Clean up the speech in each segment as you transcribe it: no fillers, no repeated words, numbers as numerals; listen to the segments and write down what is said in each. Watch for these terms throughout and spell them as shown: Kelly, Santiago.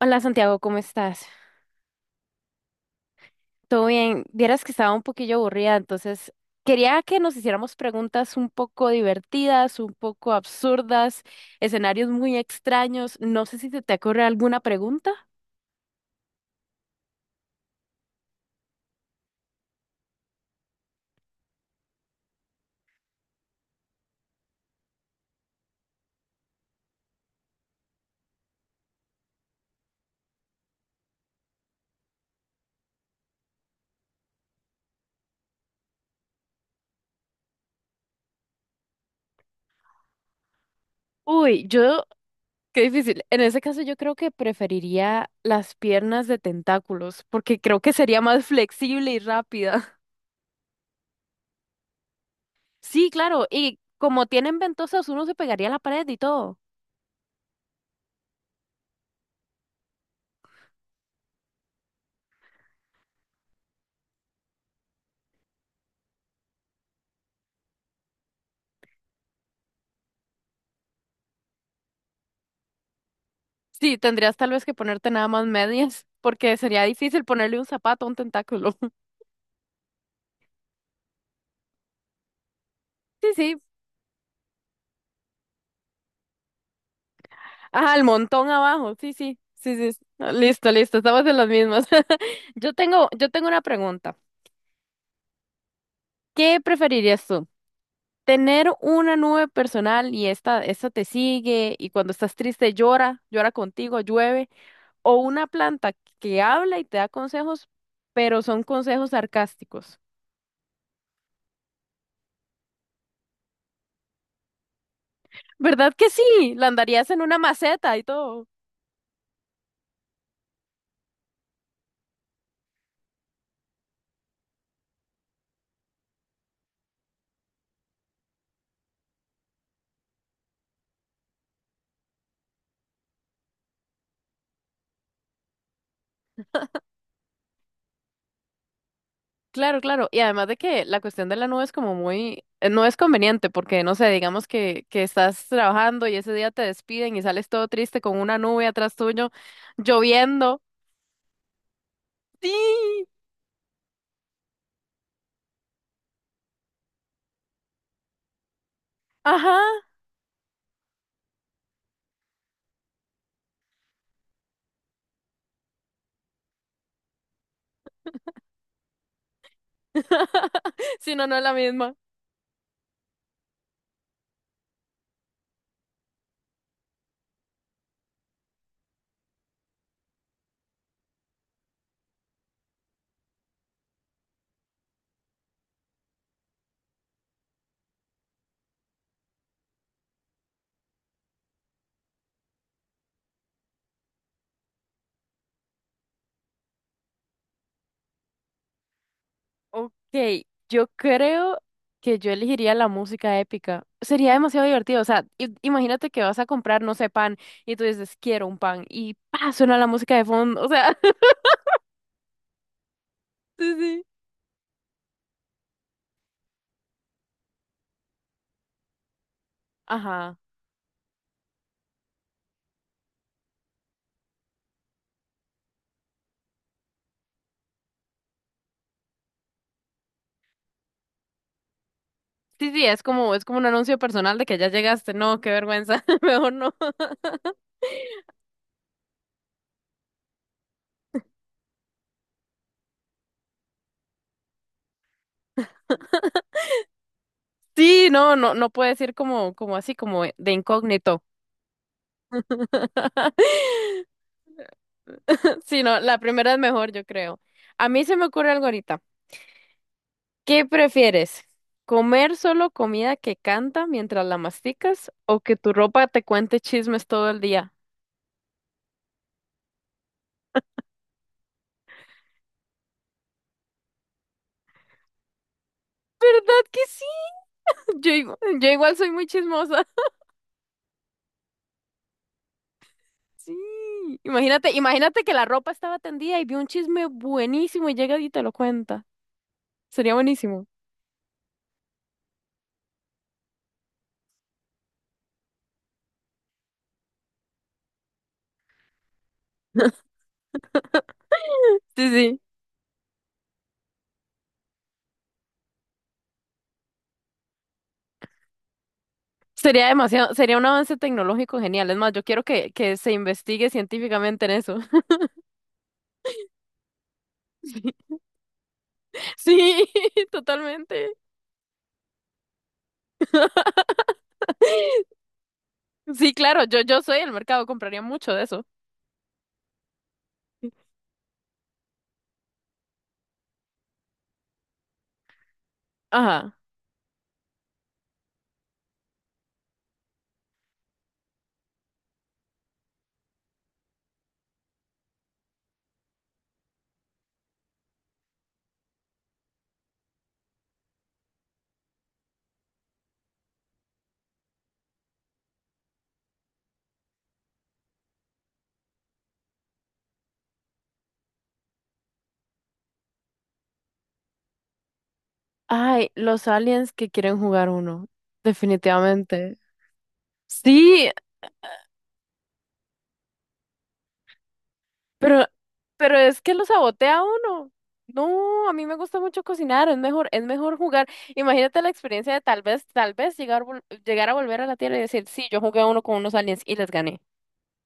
Hola Santiago, ¿cómo estás? ¿Todo bien? Vieras que estaba un poquillo aburrida, entonces quería que nos hiciéramos preguntas un poco divertidas, un poco absurdas, escenarios muy extraños. No sé si se te ocurre alguna pregunta. Uy, yo qué difícil. En ese caso yo creo que preferiría las piernas de tentáculos, porque creo que sería más flexible y rápida. Sí, claro, y como tienen ventosas, uno se pegaría a la pared y todo. Sí, tendrías tal vez que ponerte nada más medias, porque sería difícil ponerle un zapato a un tentáculo. Sí, sí. Ah, el montón abajo. Sí, sí. Sí, sí. Ah, listo, listo. Estamos en las mismas. Yo tengo una pregunta. ¿Qué preferirías tú? Tener una nube personal y esta te sigue y cuando estás triste llora, llora contigo, llueve, o una planta que habla y te da consejos, pero son consejos sarcásticos. ¿Verdad que sí? La andarías en una maceta y todo. Claro, claro. Y además de que la cuestión de la nube es como muy, no es conveniente porque, no sé, digamos que estás trabajando y ese día te despiden y sales todo triste con una nube atrás tuyo, lloviendo. Sí, ajá. Si no, no es la misma. Ok, yo creo que yo elegiría la música épica. Sería demasiado divertido. O sea, imagínate que vas a comprar, no sé, pan y tú dices, quiero un pan y ¡pa! Suena la música de fondo. O sea, sí, sí. Ajá. Sí, sí, es como un anuncio personal de que ya llegaste. No, qué vergüenza. Mejor no. Sí, no, no, no puedes ir como así, como de incógnito. Sí, no, la primera es mejor, yo creo. A mí se me ocurre algo ahorita. ¿Qué prefieres? ¿Comer solo comida que canta mientras la masticas o que tu ropa te cuente chismes todo el día? ¿Verdad que sí? Yo igual soy muy chismosa. Sí. Imagínate, imagínate que la ropa estaba tendida y vio un chisme buenísimo y llega y te lo cuenta. Sería buenísimo. Sí, sí. Sería demasiado, sería un avance tecnológico genial. Es más, yo quiero que se investigue científicamente en eso. Sí, totalmente. Sí, claro, yo soy el mercado, compraría mucho de eso. Ajá. Ay, los aliens que quieren jugar uno, definitivamente. Sí, pero, pero es que lo sabotea uno. No, a mí me gusta mucho cocinar, es mejor jugar. Imagínate la experiencia de tal vez llegar, llegar a volver a la Tierra y decir, sí, yo jugué a uno con unos aliens y les gané.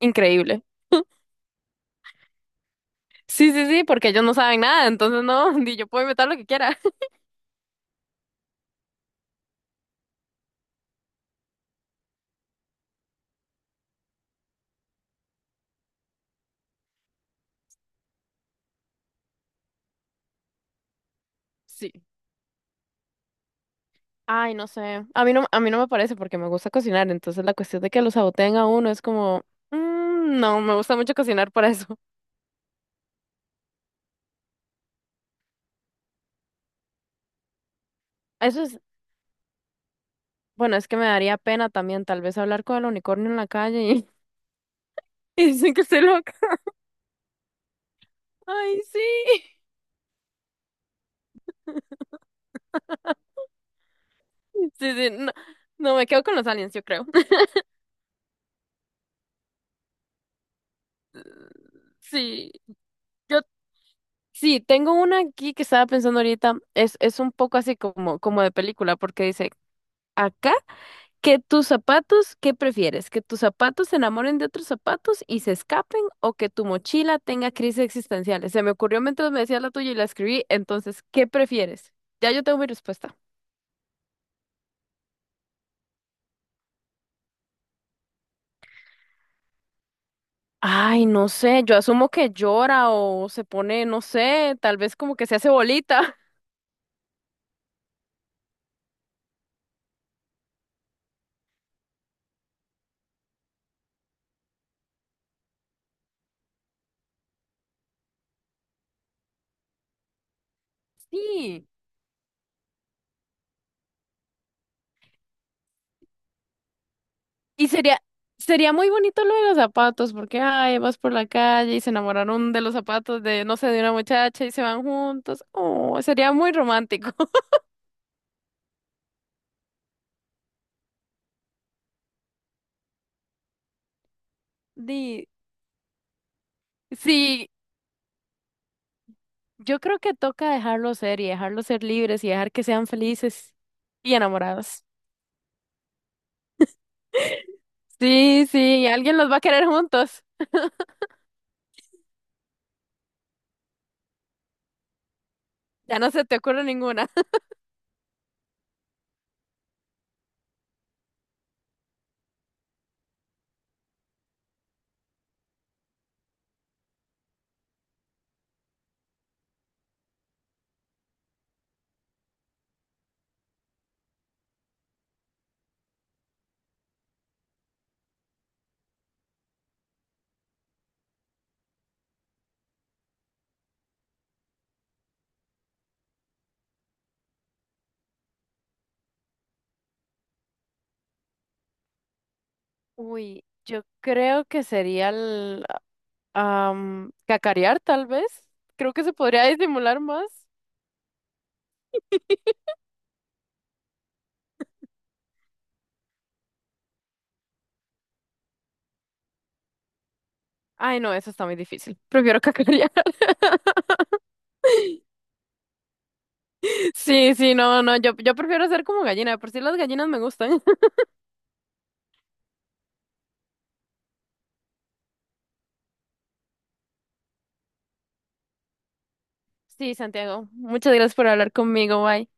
Increíble. Sí, sí, sí, porque ellos no saben nada, entonces no, ni yo puedo inventar lo que quiera. Sí. Ay, no sé. A mí no me parece porque me gusta cocinar. Entonces la cuestión de que lo saboteen a uno es como, "Mm, no, me gusta mucho cocinar para eso". Eso es, bueno, es que me daría pena también tal vez hablar con el unicornio en la calle y, y dicen que estoy loca. Ay, sí. Sí, sí, no, no, me quedo con los aliens, yo creo. Sí, yo sí, tengo una aquí que estaba pensando ahorita. Es un poco así como de película porque dice, acá. Que tus zapatos, ¿qué prefieres? ¿Que tus zapatos se enamoren de otros zapatos y se escapen o que tu mochila tenga crisis existenciales? Se me ocurrió mientras me decías la tuya y la escribí, entonces, ¿qué prefieres? Ya yo tengo mi respuesta. Ay, no sé, yo asumo que llora o se pone, no sé, tal vez como que se hace bolita. Sí, y sería muy bonito lo de los zapatos, porque, ay, vas por la calle y se enamoraron de los zapatos de, no sé, de una muchacha y se van juntos. Oh, sería muy romántico. Di, sí, yo creo que toca dejarlos ser y dejarlos ser libres y dejar que sean felices y enamorados. Sí, sí, alguien los va a querer juntos. Ya no se te ocurre ninguna. Uy, yo creo que sería el cacarear, tal vez. Creo que se podría disimular más. Ay, no, eso está muy difícil. Prefiero cacarear. Sí, sí, no, no, yo prefiero ser como gallina. De Por si las gallinas me gustan. Sí, Santiago, muchas gracias por hablar conmigo. Bye.